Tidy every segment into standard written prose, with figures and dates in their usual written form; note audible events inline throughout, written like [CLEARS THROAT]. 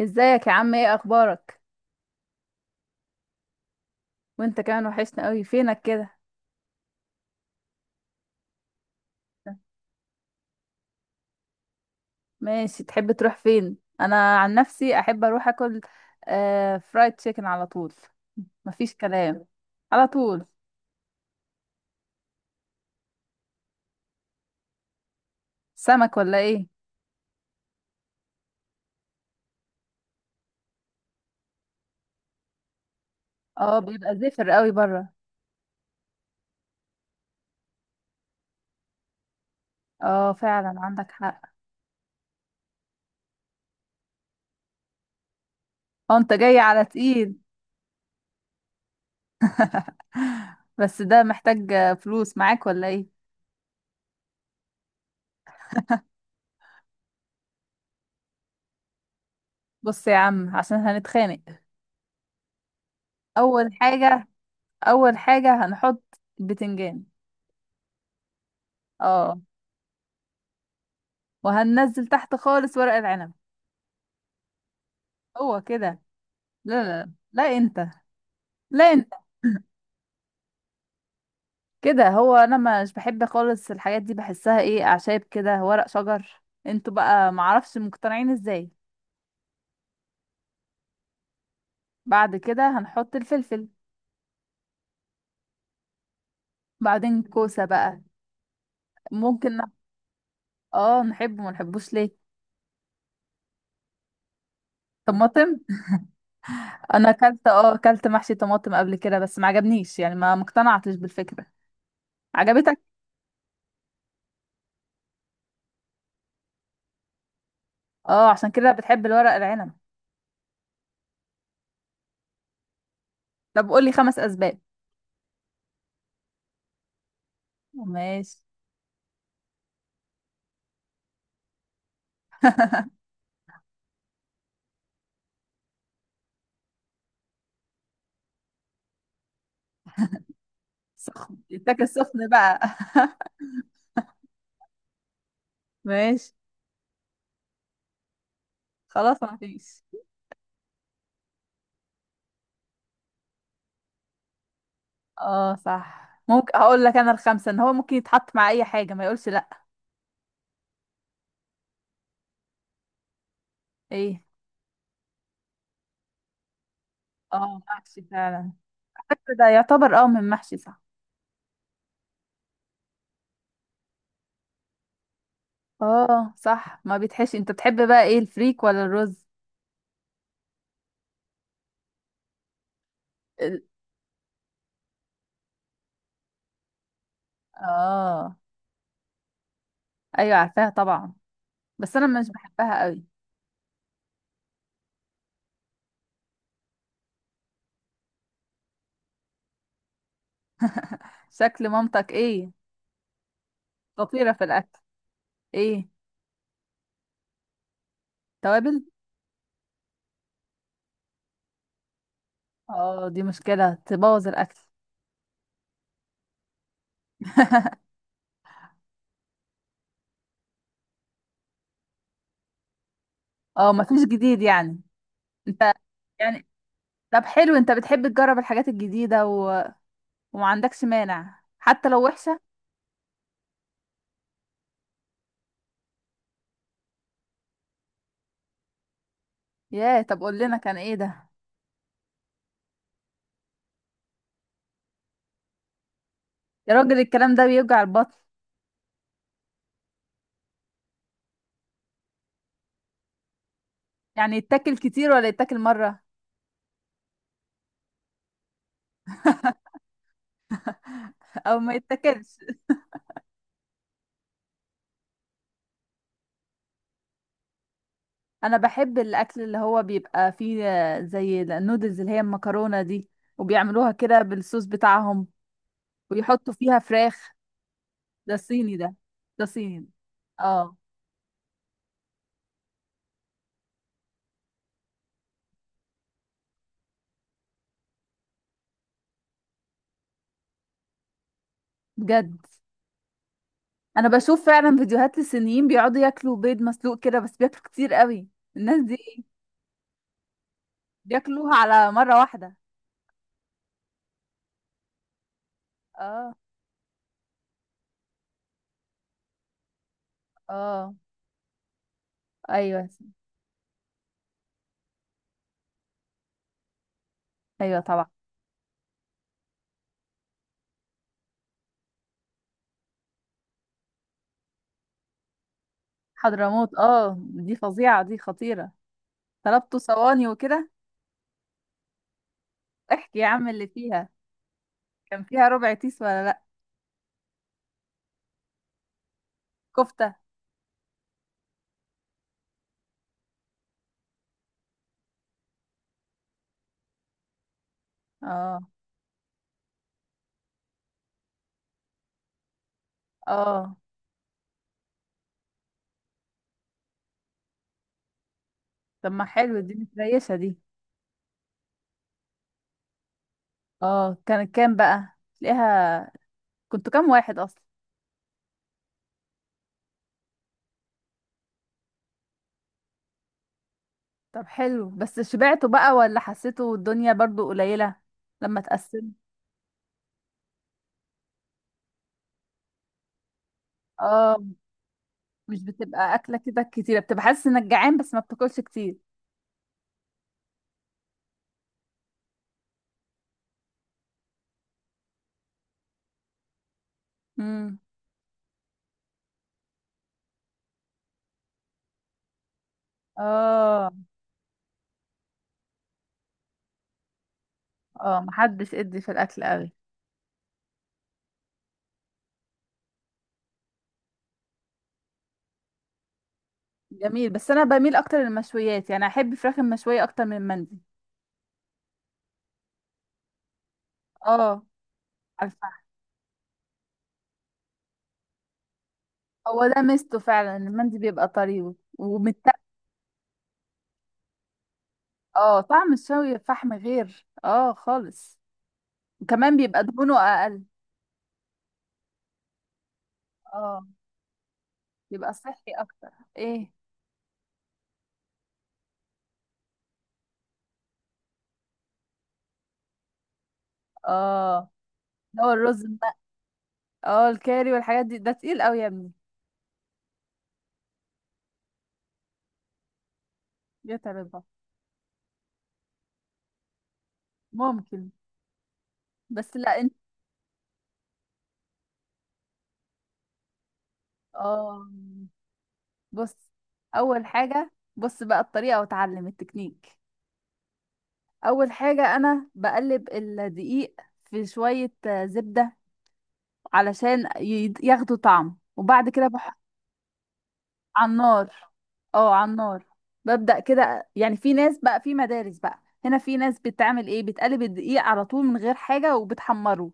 ازيك يا عم، ايه اخبارك؟ وانت كمان وحشنا قوي، فينك كده؟ ماشي، تحب تروح فين؟ انا عن نفسي احب اروح اكل. آه، فرايد تشيكن على طول. مفيش كلام. على طول. سمك ولا ايه؟ اه، بيبقى زفر قوي بره. اه فعلا عندك حق. اه انت جاي على تقيل. بس ده محتاج فلوس معاك ولا ايه؟ بص يا عم عشان هنتخانق. اول حاجة اول حاجة هنحط البتنجان. اه. وهننزل تحت خالص ورق العنب. هو كده. لا لا لا، انت. لا انت. [CLEARS THROAT] كده هو. انا مش بحب خالص الحاجات دي، بحسها ايه، اعشاب كده ورق شجر، انتوا بقى معرفش مقتنعين ازاي. بعد كده هنحط الفلفل. بعدين كوسة بقى. ممكن نح- اه نحبه، ما نحبوش ليه. طماطم. انا اكلت محشي طماطم قبل كده، بس ما عجبنيش، يعني ما مقتنعتش بالفكرة. عجبتك؟ اه عشان كده بتحب الورق العنب. طب قولي 5 اسباب. ماشي. سخن، اتاكل سخن بقى. [LAUGHS] ماشي. خلاص ما فيش. اه صح، ممكن هقول لك انا الخمسه، ان هو ممكن يتحط مع اي حاجه ما يقولش لا. ايه؟ اه محشي فعلا. حتى ده يعتبر اه من محشي صح. اه صح، ما بيتحشي. انت بتحب بقى ايه، الفريك ولا الرز؟ ال... اه. ايوه عارفاها طبعا. بس انا مش بحبها قوي. شكل مامتك ايه؟ خطيره في الاكل. ايه؟ توابل. اه دي مشكله، تبوظ الاكل. [LAUGHS] اه مفيش جديد يعني. انت يعني. طب حلو، انت بتحب تجرب الحاجات الجديده وما عندكش مانع حتى لو وحشة. ياه، طب قول لنا كان ايه ده. يا راجل الكلام ده بيوجع البطن. يعني يتاكل كتير ولا يتاكل مرة؟ [LAUGHS] او ما يتاكلش. انا بحب الاكل اللي هو بيبقى فيه زي النودلز، اللي هي المكرونة دي، وبيعملوها كده بالصوص بتاعهم، ويحطوا فيها فراخ. ده صيني ده. ده صيني. اه. بجد؟ انا بشوف فعلا فيديوهات للصينيين بيقعدوا ياكلوا بيض مسلوق كده، بس بياكلوا كتير قوي الناس دي. بياكلوها على مرة واحدة. اه. اه. ايوه. ايوه طبعا. حضرموت، اه دي فظيعه، دي خطيره. طلبته صواني وكده. احكي يا عم اللي فيها. كان فيها ربع تيس ولا لا؟ كفته. اه. اه. طب ما حلو، دي متريشه دي. اه كانت كام بقى تلاقيها؟ كنتوا كام واحد اصلا؟ طب حلو، بس شبعتوا بقى ولا حسيتوا الدنيا برضو قليله لما تقسم؟ اه مش بتبقى اكله كده كتيره، بتبقى حاسس انك جعان بس ما بتاكلش كتير. امم. اه. اه محدش ادي في الاكل قوي. جميل. بس انا بميل اكتر للمشويات، يعني احب فراخ المشويه اكتر من المندي. اه على الفحم. هو ده ميزته فعلا، المندي بيبقى طري ومت. اه طعم الشوي فحم غير اه خالص. وكمان بيبقى دهونه اقل. اه بيبقى صحي اكتر. ايه؟ اه اللي هو الرز الم- اه الكاري والحاجات دي، ده تقيل قوي يا ابني. يتعبها. ممكن. بس لا انت. اه بص. اول حاجه بص بقى الطريقه واتعلم التكنيك. اول حاجة انا بقلب الدقيق في شوية زبدة، علشان ياخدوا طعم. وبعد كده على النار. اه على النار. ببدأ كده، يعني في ناس بقى، في مدارس بقى هنا، في ناس بتعمل ايه، بتقلب الدقيق على طول من غير حاجة وبتحمره.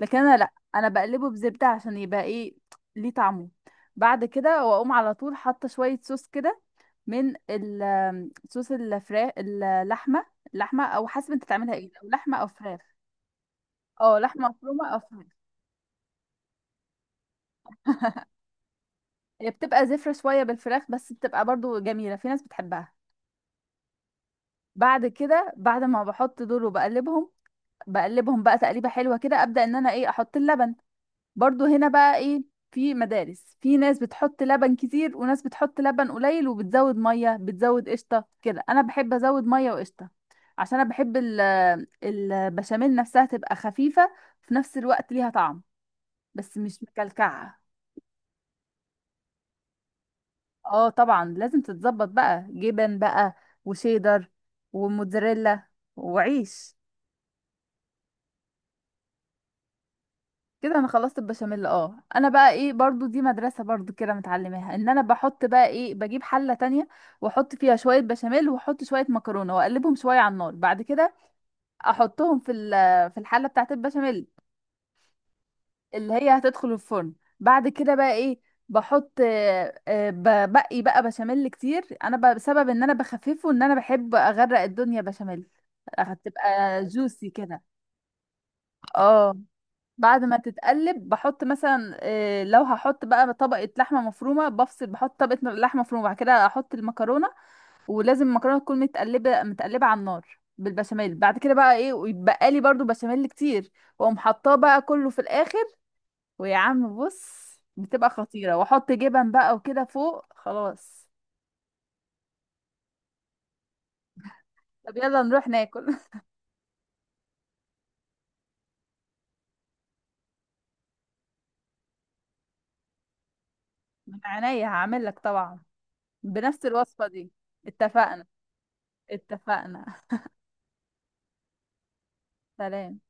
لكن انا لا. انا بقلبه بزبدة عشان يبقى ايه، ليه طعمه. بعد كده واقوم على طول حاطة شوية صوص كده صوص الفراخ، اللحمة. اللحمة او حسب انت تعملها ايه، لو لحمة او فراخ. اه لحمة مفرومة او فراخ. هي بتبقى زفرة شوية بالفراخ، بس بتبقى برضو جميلة، في ناس بتحبها. بعد كده، بعد ما بحط دول وبقلبهم، بقلبهم بقى تقليبه حلوه كده، ابدا ان انا ايه، احط اللبن. برضو هنا بقى ايه، في مدارس، في ناس بتحط لبن كتير وناس بتحط لبن قليل، وبتزود ميه، بتزود قشطه كده. انا بحب ازود ميه وقشطه عشان انا بحب البشاميل نفسها تبقى خفيفه، في نفس الوقت ليها طعم، بس مش مكلكعه. اه طبعا لازم تتظبط بقى، جبن بقى، وشيدر، وموتزاريلا، وعيش. كده انا خلصت البشاميل. اه انا بقى ايه، برضو دي مدرسة برضو كده متعلماها، ان انا بحط بقى ايه، بجيب حلة تانية واحط فيها شوية بشاميل واحط شوية مكرونة واقلبهم شوية على النار، بعد كده احطهم في في الحلة بتاعت البشاميل اللي هي هتدخل الفرن. بعد كده بقى ايه، بحط ببقي بقى بشاميل كتير انا بقى، بسبب ان انا بخففه، ان انا بحب اغرق الدنيا بشاميل، هتبقى جوسي كده. اه بعد ما تتقلب بحط مثلا لو هحط بقى طبقة لحمة مفرومة بفصل، بحط طبقة لحمة مفرومة بعد كده احط المكرونة. ولازم المكرونة تكون متقلبة متقلبة على النار بالبشاميل. بعد كده بقى ايه، ويتبقى لي برضو بشاميل كتير، واقوم حطاه بقى كله في الاخر. ويا عم بص، بتبقى خطيرة، واحط جبن بقى وكده فوق خلاص. طب يلا نروح ناكل. [LAUGHS] من عينيا هعمل لك طبعا، بنفس الوصفة دي. اتفقنا. اتفقنا. سلام.